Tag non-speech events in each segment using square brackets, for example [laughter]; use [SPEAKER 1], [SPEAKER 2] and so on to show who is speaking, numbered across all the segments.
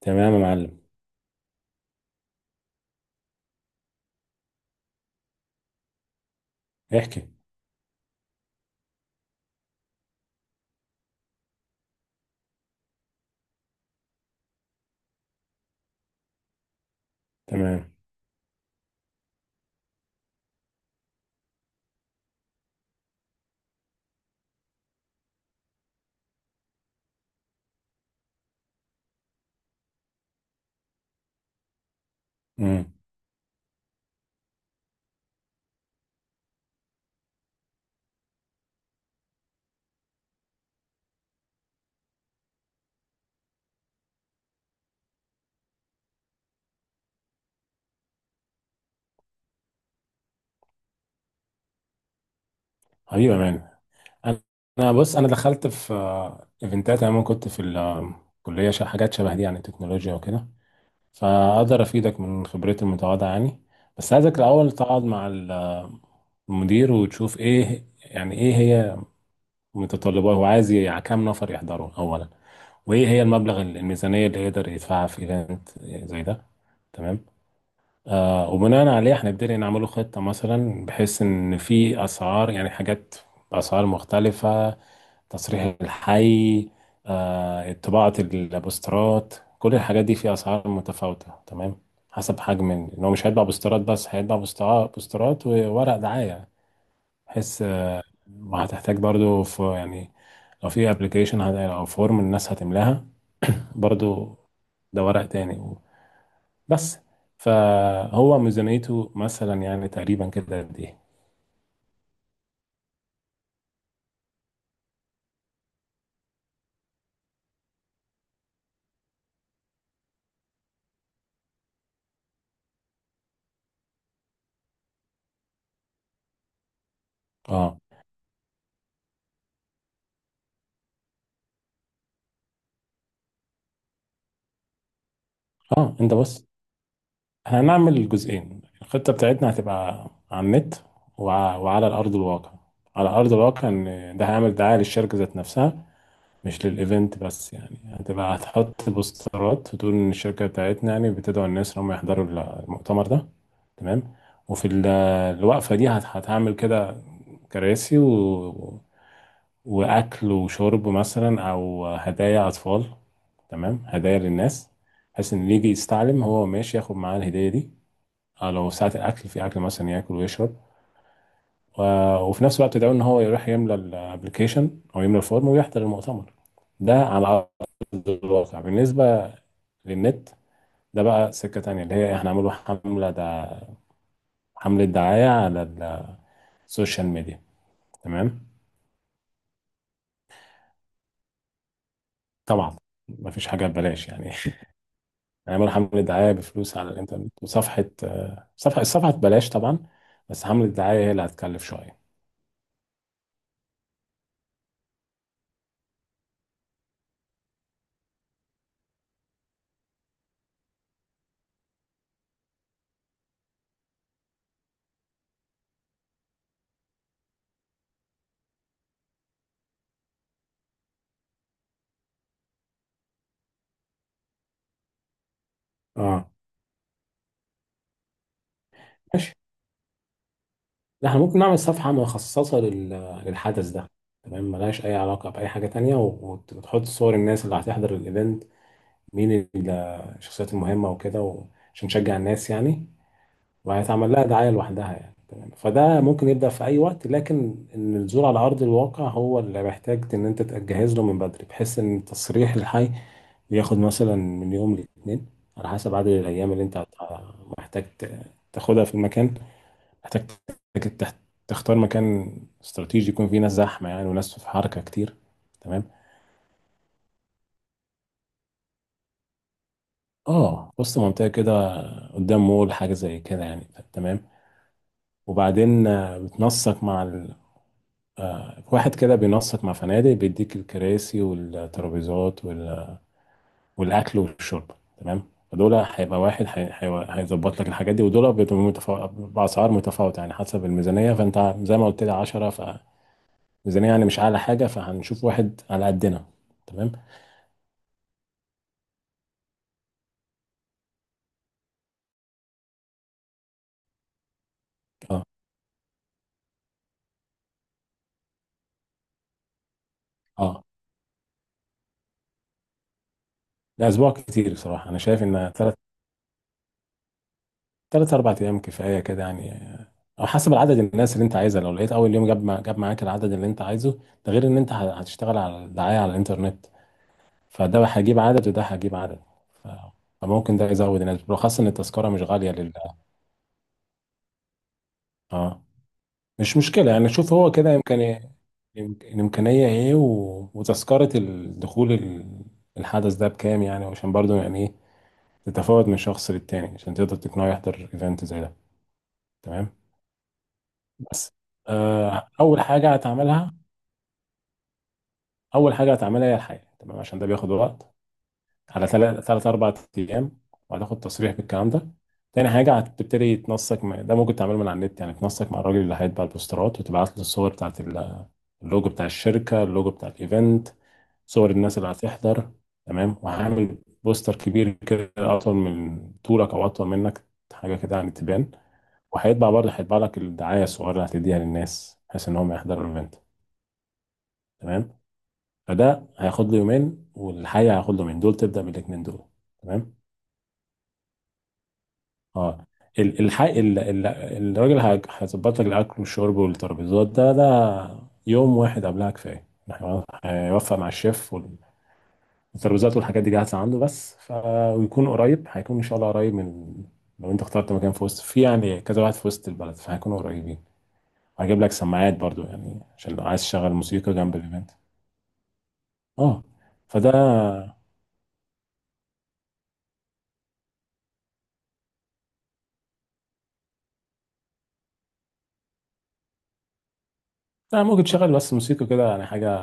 [SPEAKER 1] تمام يا معلم. احكي. تمام. امم. حبيبي يا مان. انا أنا بص، انا دخلت في ايفنتات. انا كنت في الكليه، حاجات شبه دي، يعني تكنولوجيا وكده. فاقدر افيدك من خبرتي المتواضعه يعني. بس عايزك الاول تقعد مع المدير وتشوف ايه، يعني ايه هي متطلبات، هو عايز كام نفر يحضروا اولا، وايه هي المبلغ الميزانيه اللي يقدر يدفعها في ايفنت زي ده. تمام. وبناء عليه هنبتدي نعمله خطة، مثلا بحيث إن في أسعار، يعني حاجات بأسعار مختلفة. تصريح الحي، طباعة البوسترات، كل الحاجات دي في أسعار متفاوتة. تمام. حسب حجم إن هو مش هيطبع بوسترات بس، هيطبع بوسترات وورق دعاية، بحيث وهتحتاج برضو في يعني لو في أبلكيشن أو فورم الناس هتملاها. [coughs] [clears throat] برضو ده ورق تاني. بس فهو ميزانيته مثلا يعني تقريبا كده قد ايه؟ اه اه، انت بص، هنعمل جزئين. الخطه بتاعتنا هتبقى على النت وعلى الارض الواقع. على ارض الواقع ان ده هيعمل دعايه للشركه ذات نفسها، مش للايفنت بس. يعني هتبقى هتحط بوسترات وتقول ان الشركه بتاعتنا يعني بتدعو الناس ان هم يحضروا المؤتمر ده. تمام. وفي الوقفه دي هتعمل كده كراسي واكل وشرب مثلا، او هدايا اطفال. تمام، هدايا للناس، بحيث ان اللي يجي يستعلم هو ماشي ياخد معاه الهديه دي، أو لو ساعه الاكل، في اكل مثلا ياكل ويشرب، و... وفي نفس الوقت ده ان هو يروح يملى الابلكيشن او يملى الفورم ويحضر المؤتمر. ده على ارض الواقع. بالنسبه للنت، ده بقى سكه تانية، اللي هي احنا عملوا حمله ده، حمله دعايه على السوشيال ميديا. تمام. طبعا مفيش حاجه ببلاش يعني. يعملوا حملة دعاية بفلوس على الإنترنت، وصفحة، صفحة، الصفحة ببلاش طبعا، بس حملة الدعاية هي اللي هتكلف شوية. اه، ماشي. لا، احنا ممكن نعمل صفحة مخصصة لل... للحدث ده. تمام، ملهاش أي علاقة بأي حاجة تانية، و وتحط صور الناس اللي هتحضر الإيفنت، مين الشخصيات المهمة وكده، و... عشان نشجع الناس يعني، وهيتعمل لها دعاية لوحدها يعني. تمام. فده ممكن يبدأ في أي وقت، لكن إن الزور على أرض الواقع هو اللي محتاج إن أنت تجهز له من بدري، بحيث إن التصريح الحي بياخد مثلا من يوم لاتنين على حسب عدد الأيام اللي أنت محتاج تاخدها في المكان، محتاج تك- تختار مكان استراتيجي يكون فيه ناس زحمة، يعني وناس في حركة كتير. تمام. اه، وسط منطقة كده، قدام مول، حاجة زي كده يعني. تمام. وبعدين بتنسق مع واحد كده بينسق مع فنادق، بيديك الكراسي والترابيزات وال- والاكل والشرب. تمام. فدول هيبقى واحد هيظبط لك الحاجات دي، ودول بيبقوا باسعار متفاوته يعني حسب الميزانيه. فانت زي ما قلت لي 10، فميزانيه يعني مش اعلى حاجه، فهنشوف واحد على قدنا. تمام. اه اه، ده اسبوع كتير بصراحه. انا شايف ان ثلاث اربع ايام كفايه كده يعني، او حسب عدد الناس اللي انت عايزها. لو لقيت اول يوم جاب معاك العدد اللي انت عايزه، ده غير ان انت هتشتغل على الدعايه على الانترنت. فده هجيب عدد وده هجيب عدد. ف- فممكن ده يزود الناس، بالاخص ان التذكره مش غاليه لل... اه، مش مشكله يعني. شوف هو كده يمكن، الامكانيه ايه، وتذكره الدخول الحدث ده بكام، يعني عشان برضو يعني ايه، تتفاوت من شخص للتاني عشان تقدر تقنعه يحضر ايفنت زي ده. تمام. بس. اول حاجه هتعملها، اول حاجه هتعملها هي الحقيقه. تمام، عشان ده بياخد وقت، على ثلاث أربع أيام، وهتاخد تصريح بالكلام ده. تاني حاجة هتبتدي تنسق مع، ده ممكن تعمله من على النت يعني، تنسق مع الراجل اللي هيطبع البوسترات وتبعت له الصور بتاعت اللوجو بتاع الشركة، اللوجو بتاع الإيفنت، صور الناس اللي هتحضر. تمام. وهعمل بوستر كبير كده، أطول من طولك، أو أطول منك، حاجة كده يعني تبان. وهيطبع برضه، هيطبع لك الدعاية الصغيرة اللي هتديها للناس بحيث إن هم يحضروا الإيفنت. تمام. فده هياخد له يومين، والحقيقة هياخد له يومين دول تبدأ بالاتنين دول. تمام. اه، ال- الحق ال- ال- الراجل هيظبط لك الاكل والشرب والترابيزات، ده يوم واحد قبلها كفايه. إحنا هيوفق مع الشيف، والترابيزات والحاجات دي جاهزه عنده بس، ف ويكون قريب، هيكون ان شاء الله قريب من، لو انت اخترت مكان في وسط، في يعني كذا واحد في وسط البلد، فهيكونوا قريبين. هجيب لك سماعات برضو، يعني عشان لو عايز تشغل موسيقى جنب الايفنت. اه. فده، لا ممكن تشغل بس موسيقى كده يعني حاجه.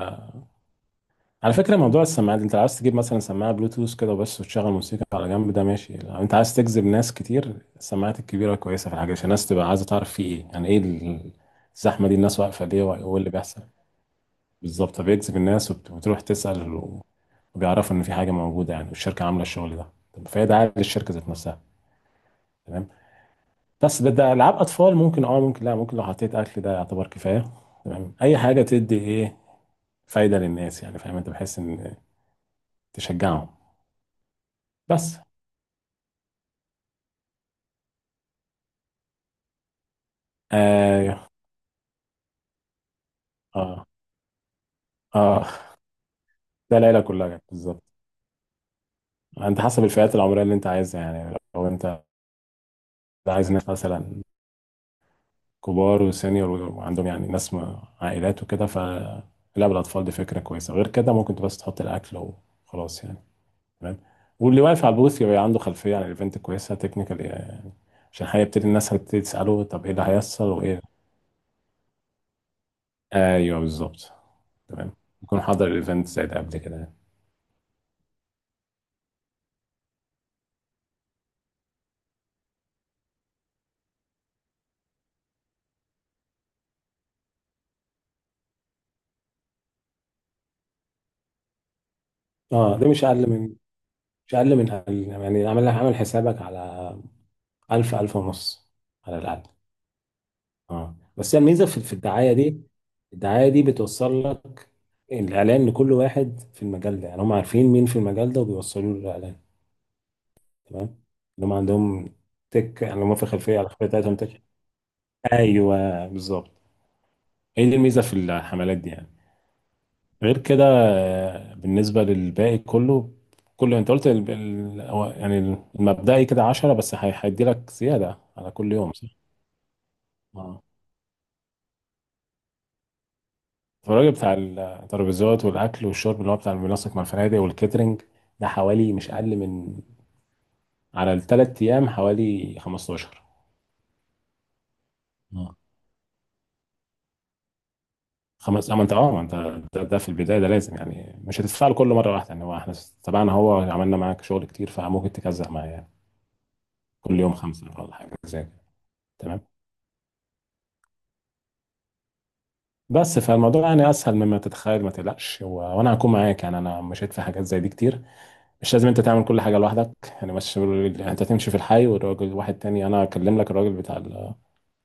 [SPEAKER 1] على فكرة موضوع السماعات، انت عاوز تجيب مثلا سماعة بلوتوث كده بس وتشغل موسيقى على جنب، ده ماشي. لو انت عايز تجذب ناس كتير، السماعات الكبيرة كويسة في الحاجة، عشان الناس تبقى عايزة تعرف في ايه، يعني ايه الزحمة دي، الناس واقفة ليه وايه اللي بيحصل. بالظبط، بيجذب الناس وتروح تسأل، وبيعرفوا ان في حاجة موجودة يعني، والشركة عاملة الشغل ده. طب، فهي دعاية للشركة ذات نفسها. تمام. بس ده، ده ألعاب أطفال، ممكن اه ممكن لا، ممكن لو حطيت أكل ده يعتبر كفاية. تمام. أي حاجة تدي ايه، فايدة للناس يعني، فاهم انت، بحيث ان تشجعهم. بس. ايوه. اه. اه، ده العيله كلها كده، بالظبط. انت حسب الفئات العمريه اللي انت عايزها يعني، لو انت عايز ناس مثلا كبار وسينيور، وعندهم يعني ناس عائلات وكده، فلعب الاطفال دي فكره كويسه. غير كده ممكن بس تحط الاكل وخلاص يعني. تمام. واللي واقف على البوث يبقى عنده خلفيه عن الايفنت كويسه، تكنيكال يعني، عشان هيبتدي الناس هتبتدي تساله طب ايه اللي هيحصل وايه. ايوه، بالظبط. تمام. يكون حضر الايفنت زي ده قبل كده يعني. اه. ده مش اقل من، مش أقل من يعني، عامل حسابك على 1000 1000 ونص على الأقل. اه، بس هي الميزة في الدعاية دي. الدعاية دي بتوصل لك الإعلان لكل واحد في المجال ده، يعني هم عارفين مين في المجال ده وبيوصلوا له الإعلان. تمام. اللي هم عندهم تك يعني، هم في خلفية، على الخلفية بتاعتهم تك. أيوه، بالظبط. هي دي الميزة في الحملات دي يعني. غير كده بالنسبة للباقي كله، كله انت قلت ال... ال... هو يعني المبدئي كده 10، بس هيدي لك زيادة على كل يوم صح؟ اه. الراجل بتاع الترابيزات والأكل والشرب، اللي هو بتاع المنسق مع الفنادق والكاترينج، ده حوالي مش أقل من، على الثلاث أيام حوالي 15. اه. خمس، أما أنت أه ما أنت، ده في البداية ده لازم يعني، مش هتدفع له كل مرة واحدة يعني. هو إحنا تبعنا، هو عملنا معاك شغل كتير، فممكن تكزع معاه يعني كل يوم خمسة ولا حاجة زي كده. تمام. بس فالموضوع يعني اسهل مما تتخيل، ما تقلقش، وانا هكون معاك يعني، انا مشيت في حاجات زي دي كتير. مش لازم انت تعمل كل حاجه لوحدك يعني، مش يعني انت تمشي في الحي والراجل، واحد تاني انا اكلم لك الراجل بتاع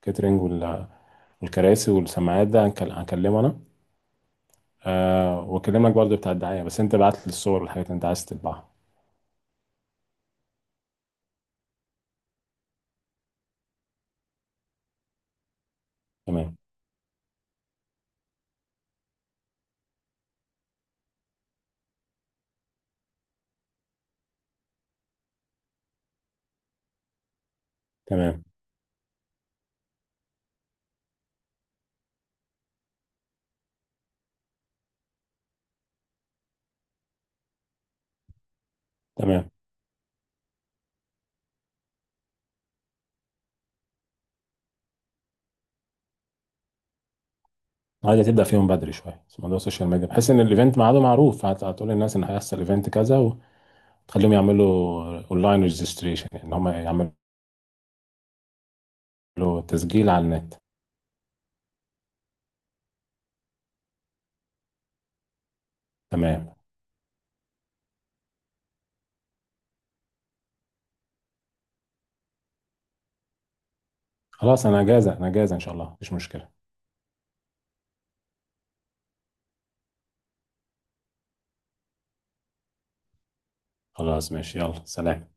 [SPEAKER 1] الكاترينج وال... والكراسي والسماعات ده، هكلمه انا. أه، واكلم لك برضه بتاع الدعايه، بس انت بعت لي الصور والحاجات اللي انت عايز تطبعها. تمام تمام تمام. عايز تبدا فيهم بدري شويه، بس موضوع السوشيال ميديا بحيث ان الايفنت ميعاده معروف، هتقول للناس ان هيحصل ايفنت كذا، تخليهم يعملوا اونلاين ريجستريشن ان هم يعملوا له تسجيل على النت. تمام. خلاص، انا جاهزة، انا جاهزة ان شاء الله، مفيش مشكلة. خلاص ماشي، يلا سلام.